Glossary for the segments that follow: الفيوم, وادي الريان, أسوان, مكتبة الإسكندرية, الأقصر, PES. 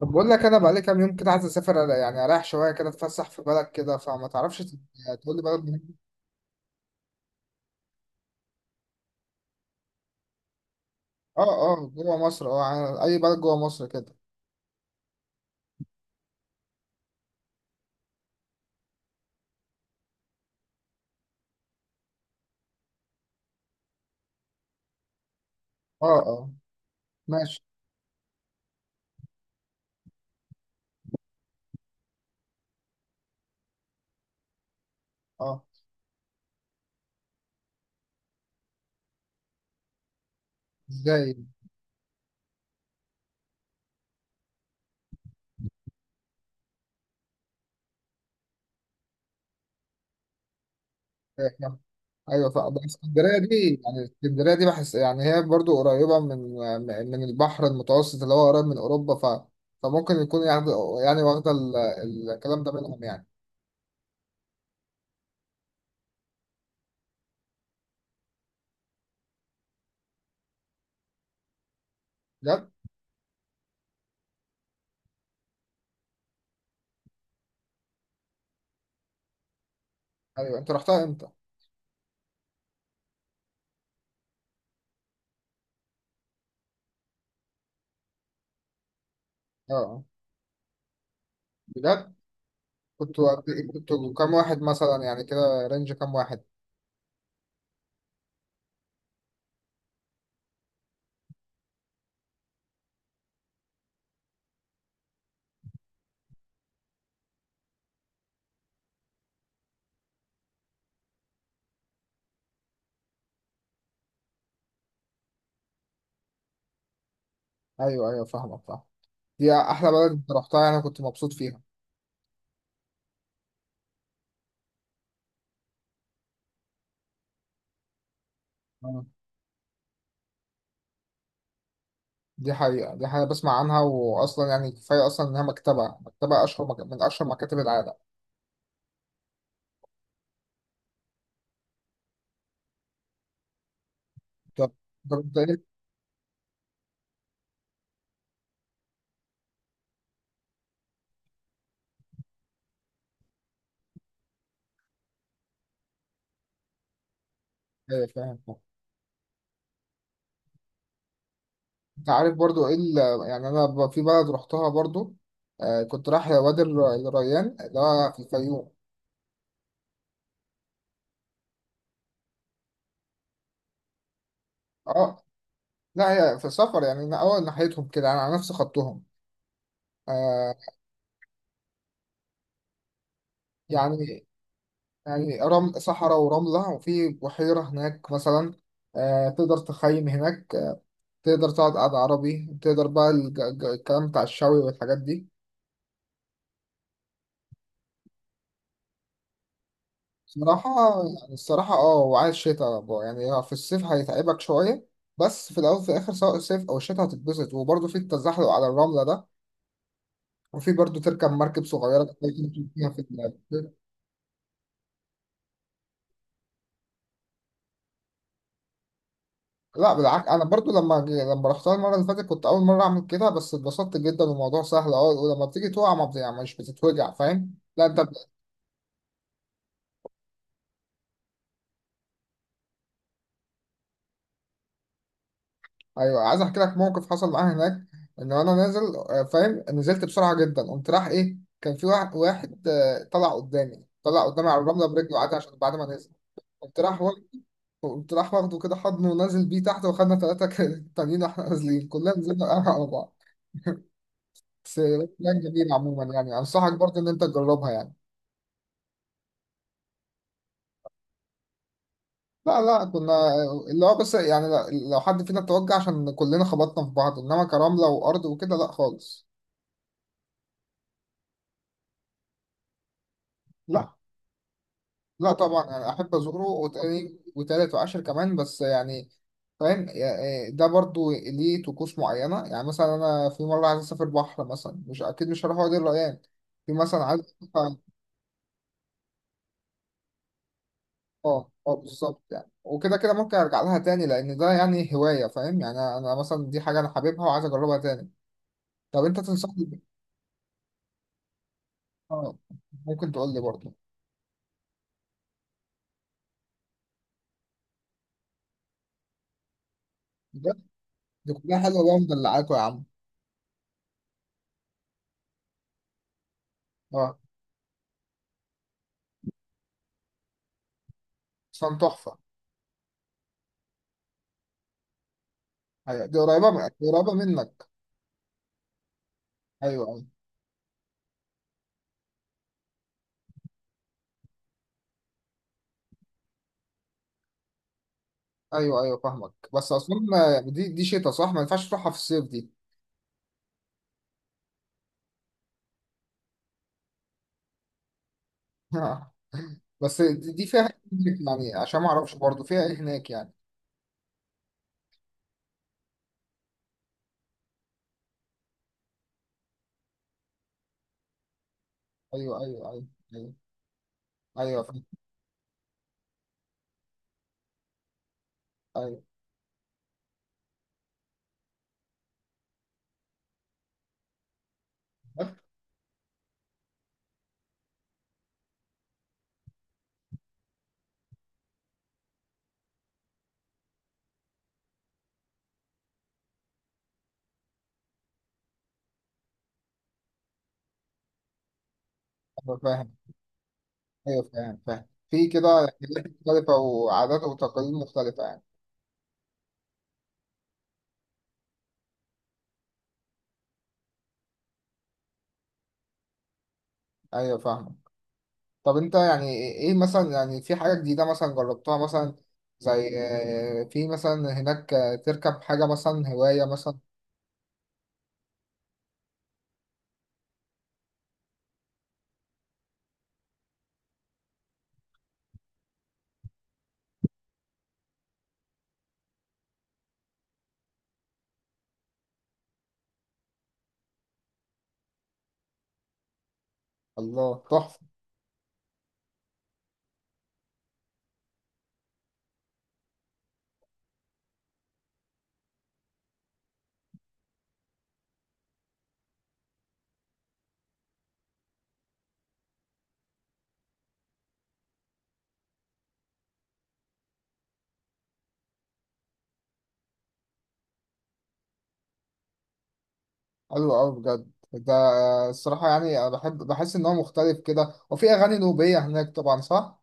طب بقول لك انا بقالي كام يوم كده عايز اسافر اريح شويه كده اتفسح في بلد كده فما تعرفش تقول لي اه. اه جوه مصر. اه يعني اي بلد جوه مصر كده. اه اه ماشي اه. ازاي؟ إيه، ايوه بس اسكندريه دي، يعني اسكندريه دي بحس يعني هي برضو قريبه من البحر المتوسط اللي هو قريب من اوروبا، فممكن يكون يعني، يعني واخده الكلام ده منهم يعني. بجد؟ ايوه انت رحتها امتى؟ اه. آه. بجد؟ كنت كنت كام واحد مثلا يعني كده، رينج كام واحد؟ ايوه ايوه، فاهمك فاهم. دي احلى بلد انت رحتها يعني، انا كنت مبسوط فيها. آه. دي حقيقة، دي حاجة بسمع عنها، وأصلا يعني كفاية أصلا إنها مكتبة من أشهر مكاتب العالم. طب طب أنت إيه؟ إيه، فاهم فاهم. أنت عارف برضو إيه يعني في بلد رحتها برضو، آه، كنت رايح وادي الريان اللي هو في الفيوم. أه. لا هي في سفر يعني، أنا أول ناحيتهم كده، أنا على نفس خطهم. آه. يعني، يعني صحراء ورملة، وفي بحيرة هناك مثلا، آه، تقدر تخيم هناك، آه، تقدر تقعد قعدة عربي، تقدر بقى الكلام بتاع الشوي والحاجات دي. صراحة، يعني الصراحة اه وعايز شتاء بقى. يعني هو في الصيف هيتعبك شوية، بس في الأول وفي الآخر سواء الصيف أو الشتاء هتتبسط، وبرضه في التزحلق على الرملة ده، وفي برضه تركب مركب صغيرة تقدر تمشي فيها في البلاد. لا بالعكس، انا برضو لما لما رحتها المره اللي فاتت كنت اول مره اعمل كده، بس اتبسطت جدا والموضوع سهل. اه ولما بتيجي تقع ما بت- يعني مش بتتوجع، فاهم؟ لا ايوه عايز احكي لك موقف حصل معايا هناك. ان انا نازل، فاهم، نزلت بسرعه جدا، قمت راح ايه، كان في واحد، طلع قدامي، طلع قدامي على الرمله برجله عادي عشان بعد ما نزل قمت راح وا- قمت راح واخده كده حضنه ونازل بيه تحت، واخدنا ثلاثه تانيين واحنا نازلين كلنا نزلنا على بعض. بس كان جميل عموما، يعني انصحك برضو ان انت تجربها يعني. لا لا، كنا اللي هو بس يعني، لو حد فينا توجع عشان كلنا خبطنا في بعض، انما كرملة وارض وكده لا خالص. لا لا طبعا، يعني احب ازوره، وتاني وتالت وعاشر كمان، بس يعني فاهم ده برضو ليه طقوس معينة، يعني مثلا انا في مرة عايز اسافر بحر مثلا، مش اكيد مش هروح وادي الريان. في مثلا عايز اه اه بالظبط، يعني وكده كده ممكن ارجع لها تاني، لان ده يعني هواية، فاهم؟ يعني أنا مثلا دي حاجة انا حاببها وعايز اجربها تاني. طب انت تنصحني؟ اه ممكن تقول لي برضه. بجد؟ دي كلها حلوه بقى، مدلعاكوا يا عم. اه. اصلا تحفه. ايوه، دي قريبه منك. ايوه ايوه ايوه. ايوه فاهمك، بس اصلا يعني دي شتا صح، ما ينفعش تروحها في الصيف دي. بس دي فيها إيه هناك يعني؟ عشان ما اعرفش برضه فيها ايه هناك يعني. ايوه ايوه ايوه. ايوه ايوه فاهم. ايوه ايوه فاهم. ايوه فاهم فاهم، في كده حاجات مختلفه وعادات وتقاليد مختلفه يعني. ايوه فاهم. طب انت يعني ايه مثلا، يعني في حاجة جديدة مثلا جربتها مثلا، زي في مثلا هناك، تركب حاجة مثلا هواية مثلا؟ الله تحفة. حلو قوي بجد ده. الصراحة يعني انا بحب، بحس ان هو مختلف كده، وفي اغاني نوبية هناك طبعا صح؟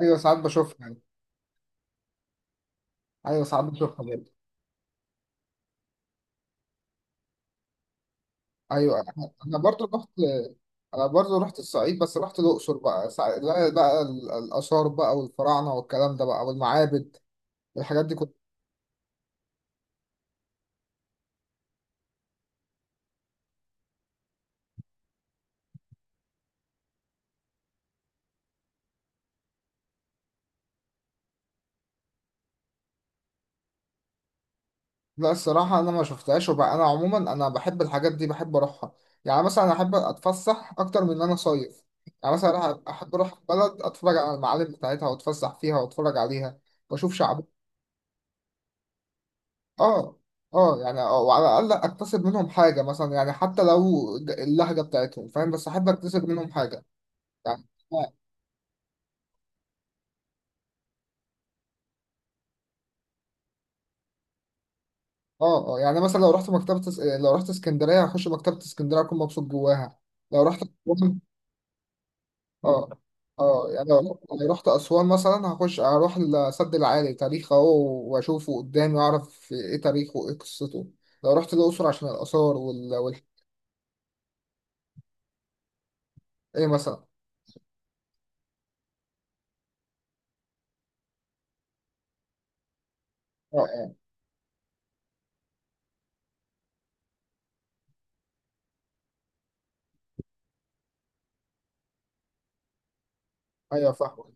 ايوه ساعات بشوفها يعني. ايوه ساعات بشوفها برضه. ايوه انا، أنا برضه رحت انا برضه رحت الصعيد، بس رحت الاقصر بقى، الاثار بقى والفراعنة والكلام ده بقى والمعابد، الحاجات دي. لا الصراحة أنا ما شفتهاش، وبقى أنا عموما أنا بحب الحاجات دي بحب أروحها. يعني مثلا أحب أتفسح أكتر من إن أنا صيف، يعني مثلا أحب أروح بلد أتفرج على المعالم بتاعتها، وأتفسح فيها وأتفرج عليها وأشوف شعب. آه. آه يعني، وعلى الأقل أكتسب منهم حاجة مثلا، يعني حتى لو اللهجة بتاعتهم، فاهم، بس أحب أكتسب منهم حاجة. يعني آه. آه يعني مثلا لو رحت لو رحت اسكندرية هخش مكتبة اسكندرية أكون مبسوط جواها. لو رحت، اه اه، يعني لو لو رحت أسوان مثلا هخش هروح لسد العالي تاريخ أهو، وأشوفه قدامي وأعرف إيه تاريخه وإيه قصته. لو رحت الأقصر عشان الآثار. إيه مثلا؟ اه اه. أيوه فاهم.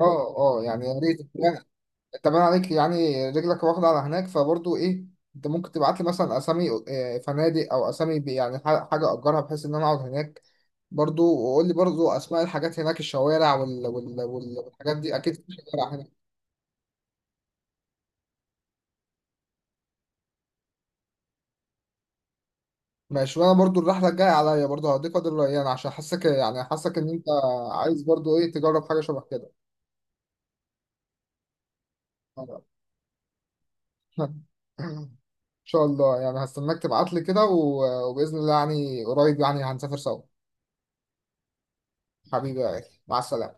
اه اه يعني يا ريت يعني. أنت باين عليك يعني رجلك واخدة على هناك، فبرضه إيه، أنت ممكن تبعت لي مثلا أسامي، فنادق أو أسامي حاجة أجرها، بحيث إن أنا أقعد هناك برضه. وقول لي برضه أسماء الحاجات هناك، الشوارع والحاجات دي، أكيد في شوارع. ماشي، وانا برضو الرحله الجايه عليا برضو هديك، فاضل له ايام، عشان حاسك يعني حاسك ان انت عايز برضو ايه، تجرب حاجه شبه كده. ان شاء الله، يعني هستناك تبعت لي كده، وباذن الله يعني قريب يعني هنسافر سوا. حبيبي يا غالي مع السلامه.